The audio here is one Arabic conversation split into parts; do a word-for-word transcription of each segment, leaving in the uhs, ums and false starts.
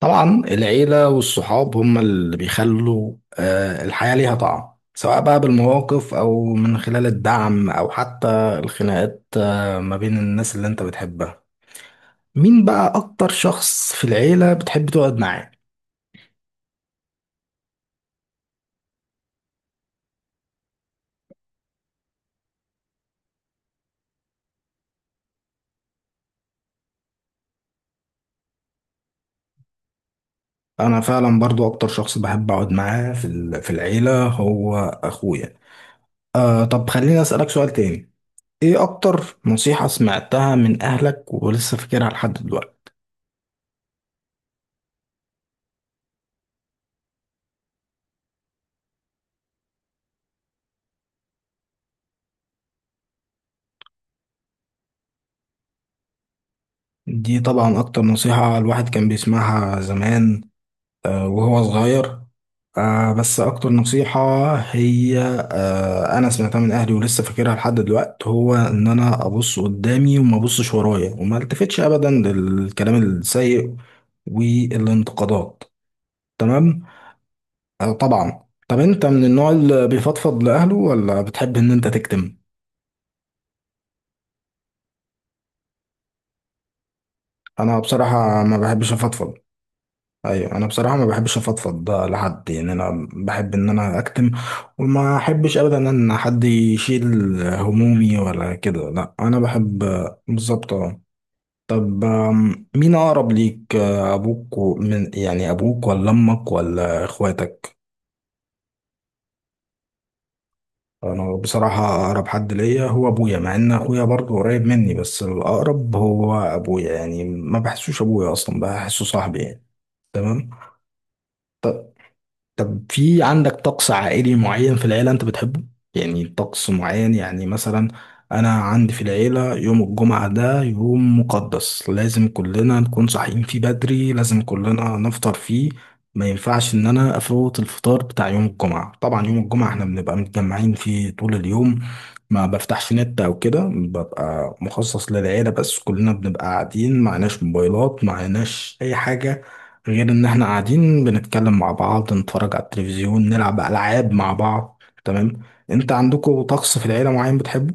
طبعا العيلة والصحاب هم اللي بيخلوا آه، الحياة ليها طعم، سواء بقى بالمواقف أو من خلال الدعم أو حتى الخناقات، آه، ما بين الناس اللي أنت بتحبها. مين بقى أكتر شخص في العيلة بتحب تقعد معاه؟ أنا فعلا برضو أكتر شخص بحب أقعد معاه في ال- في العيلة هو أخويا. آه، طب خليني أسألك سؤال تاني. إيه أكتر نصيحة سمعتها من أهلك ولسه فاكرها لحد دلوقتي؟ دي طبعا أكتر نصيحة الواحد كان بيسمعها زمان آه، وهو صغير. آه، بس أكتر نصيحة هي آه، أنا سمعتها من أهلي ولسه فاكرها لحد دلوقتي هو إن أنا أبص قدامي وما أبصش ورايا وما التفتش أبدا للكلام السيء والانتقادات. تمام. آه، طبعا طب أنت من النوع اللي بيفضفض لأهله ولا بتحب إن أنت تكتم؟ أنا بصراحة ما بحبش أفضفض. ايوه، انا بصراحه ما بحبش افضفض ده لحد، يعني انا بحب ان انا اكتم وما احبش ابدا ان حد يشيل همومي ولا كده. لا، انا بحب بالظبط اه. طب آم، مين اقرب ليك، آه، ابوك و- من، يعني ابوك ولا امك ولا اخواتك؟ انا بصراحه اقرب حد ليا هو ابويا، مع ان اخويا برضه قريب مني بس الاقرب هو ابويا. يعني ما بحسوش ابويا، اصلا بحسه صاحبي يعني. تمام. طب في عندك طقس عائلي معين في العيلة أنت بتحبه؟ يعني طقس معين، يعني مثلا أنا عندي في العيلة يوم الجمعة ده يوم مقدس، لازم كلنا نكون صاحيين فيه بدري، لازم كلنا نفطر فيه. ما ينفعش إن أنا أفوت الفطار بتاع يوم الجمعة. طبعا يوم الجمعة إحنا بنبقى متجمعين فيه طول اليوم، ما بفتحش نت أو كده، ببقى مخصص للعيلة بس. كلنا بنبقى قاعدين، معناش موبايلات، معناش أي حاجة غير ان احنا قاعدين بنتكلم مع بعض، نتفرج على التلفزيون، نلعب العاب مع بعض. تمام. انت عندكم طقس في العيله معين بتحبه؟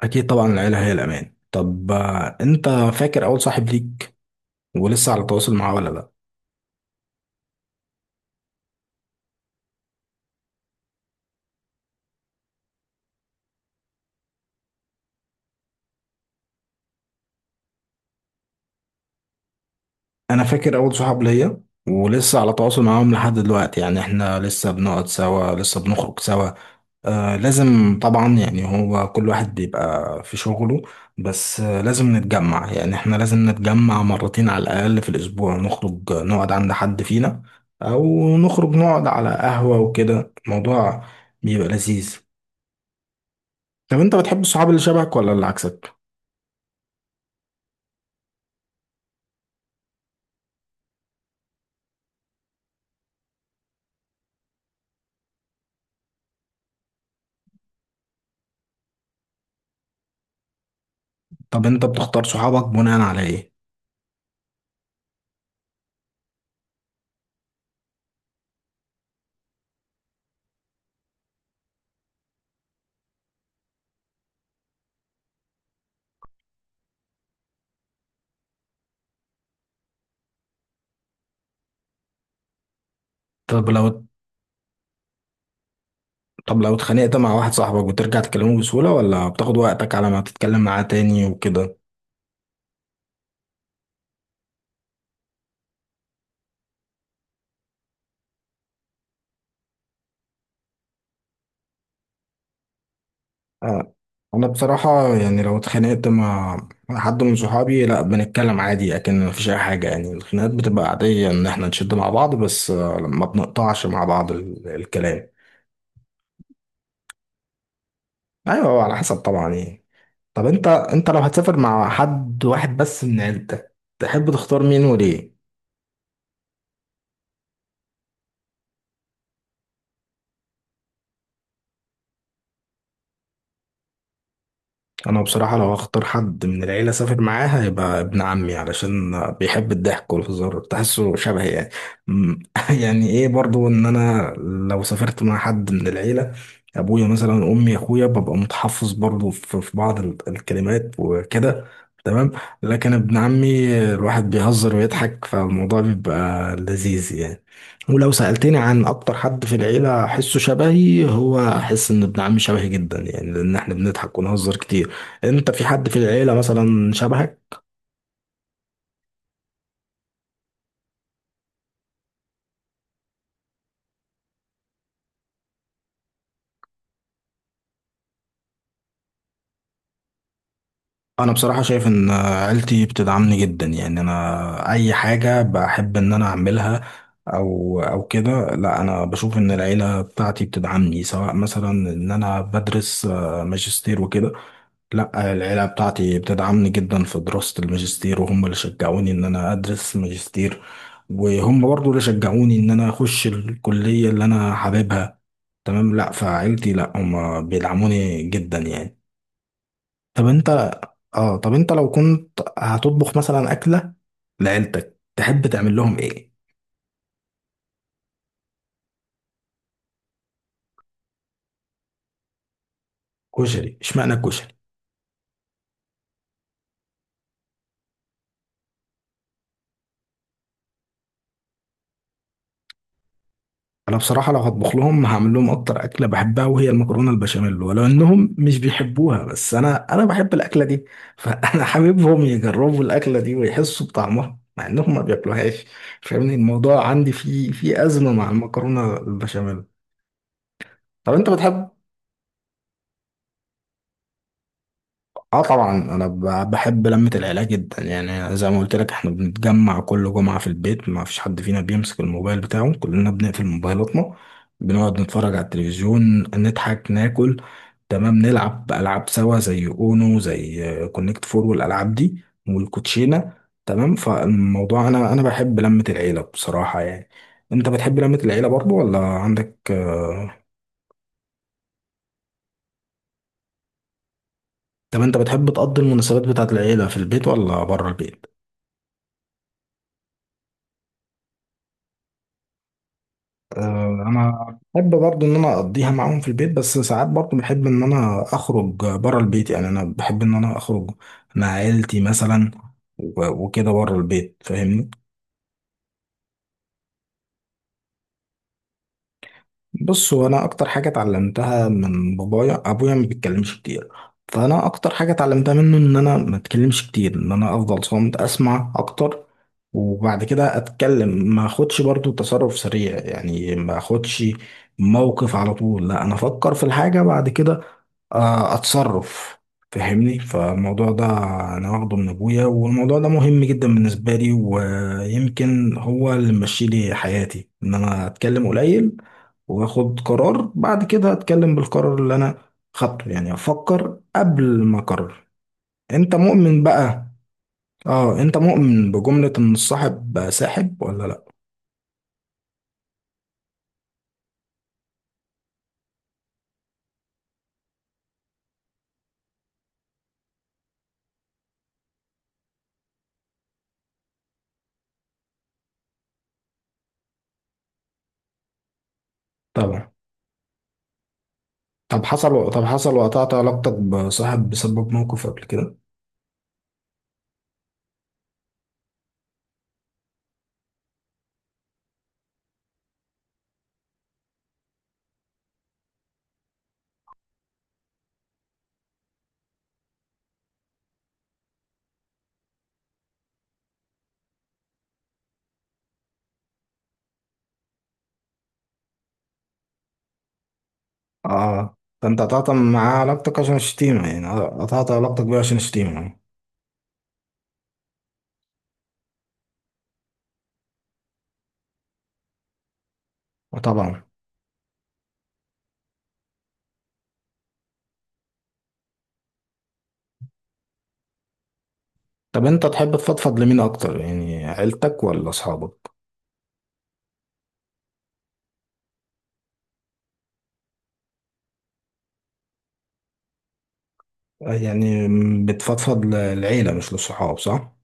اكيد طبعا العيله هي الامان. طب آه، انت فاكر اول صاحب ليك ولسه على تواصل معاه ولا لا؟ انا فاكر اول صحاب ليا ولسه على تواصل معاهم لحد دلوقتي. يعني احنا لسه بنقعد سوا، لسه بنخرج سوا. آه، لازم طبعا. يعني هو كل واحد بيبقى في شغله بس آه، لازم نتجمع. يعني احنا لازم نتجمع مرتين على الأقل في الأسبوع، نخرج نقعد عند حد فينا أو نخرج نقعد على قهوة وكده. الموضوع بيبقى لذيذ. طب انت بتحب الصحاب اللي شبهك ولا اللي عكسك؟ طب انت بتختار صحابك بناء على ايه؟ طب لو طب لو اتخانقت مع واحد صاحبك بترجع تكلمه بسهولة ولا بتاخد وقتك على ما تتكلم معاه تاني وكده؟ انا بصراحة، يعني لو اتخانقت مع مع حد من صحابي لا، بنتكلم عادي. لكن مفيش اي حاجة، يعني الخناقات بتبقى عادية ان احنا نشد مع بعض بس آه، ما بنقطعش مع بعض ال- الكلام. ايوه، هو على حسب طبعا يعني. طب انت انت لو هتسافر مع حد واحد بس من عيلتك تحب تختار مين وليه؟ انا بصراحه لو هختار حد من العيله اسافر معاه هيبقى ابن عمي، علشان بيحب الضحك والهزار، تحسه شبهي يعني. أمم، يعني ايه برضو ان انا لو سافرت مع حد من العيله، ابويا مثلا، امي، اخويا، ببقى متحفظ برضو في في بعض ال- الكلمات وكده. تمام. لكن ابن عمي الواحد بيهزر ويضحك، فالموضوع بيبقى لذيذ يعني. ولو سألتني عن أكتر حد في العيلة أحسه شبهي هو، أحس إن ابن عمي شبهي جدا يعني، لأن إحنا بنضحك ونهزر كتير. انت في حد في العيلة مثلا شبهك؟ انا بصراحة شايف ان عيلتي بتدعمني جدا يعني. انا اي حاجة بحب ان انا اعملها او او كده، لا انا بشوف ان العيلة بتاعتي بتدعمني. سواء مثلا ان انا بدرس آه، ماجستير وكده، لا العيلة بتاعتي بتدعمني جدا في دراسة الماجستير، وهم اللي شجعوني ان انا ادرس ماجستير، وهم برضو اللي شجعوني ان انا اخش الكلية اللي انا حاببها. تمام. لا، فعيلتي لا، هم بيدعموني جدا يعني. طب انت، اه طب انت لو كنت هتطبخ مثلا اكله لعيلتك تحب تعمل لهم ايه؟ كشري؟ اشمعنى الكشري؟ انا بصراحه لو هطبخ لهم هعمل لهم اكتر اكله بحبها، وهي المكرونه البشاميل. ولو انهم مش بيحبوها بس انا انا بحب الاكله دي، فانا حاببهم يجربوا الاكله دي ويحسوا بطعمها مع انهم ما بياكلوهاش. فاهمني، الموضوع عندي فيه فيه ازمه مع المكرونه البشاميل. طب انت بتحب؟ اه طبعا انا ب- بحب لمة العيله جدا يعني. زي ما قلت لك احنا بنتجمع كل جمعة في البيت، ما فيش حد فينا بيمسك الموبايل بتاعه، كلنا بنقفل موبايلاتنا، بنقعد نتفرج على التلفزيون، نضحك، ناكل. تمام. نلعب العاب سوا زي اونو، زي كونكت فور، والالعاب دي، والكوتشينة. تمام. فالموضوع انا انا بحب لمة العيله بصراحة يعني. انت بتحب لمة العيله برضو ولا عندك آه، طب انت بتحب تقضي المناسبات بتاعت العيله في البيت ولا بره البيت؟ آه، انا بحب برضو ان انا اقضيها معاهم في البيت، بس ساعات برضو بحب ان انا اخرج بره البيت. يعني انا بحب ان انا اخرج مع عيلتي مثلا و- وكده بره البيت، فاهمني. بص، هو انا اكتر حاجه اتعلمتها من بابايا، ابويا ما بيتكلمش كتير، فانا اكتر حاجه اتعلمتها منه ان انا ما اتكلمش كتير، ان انا افضل صامت اسمع اكتر وبعد كده اتكلم. ما اخدش برضو تصرف سريع، يعني ما اخدش موقف على طول، لا انا افكر في الحاجه بعد كده آه، اتصرف. فاهمني، فالموضوع ده انا واخده من ابويا، والموضوع ده مهم جدا بالنسبه لي، ويمكن هو اللي ممشي لي حياتي، ان انا اتكلم قليل واخد قرار، بعد كده اتكلم بالقرار اللي انا خدته. يعني افكر قبل ما اقرر. انت مؤمن بقى، اه انت مؤمن بجمله ان الصاحب ساحب ولا لا؟ طبعا. طب حصل طب حصل وقطعت علاقتك بصاحب بسبب موقف قبل كده؟ اه فانت قطعت معاه علاقتك عشان الشتيمة يعني، آه، قطعت علاقتك بيه عشان الشتيمة. طبعا. طب انت تحب تفضفض لمين اكتر، يعني عيلتك ولا اصحابك؟ آه، يعني بتفضفض للعيلة مش للصحاب، صح؟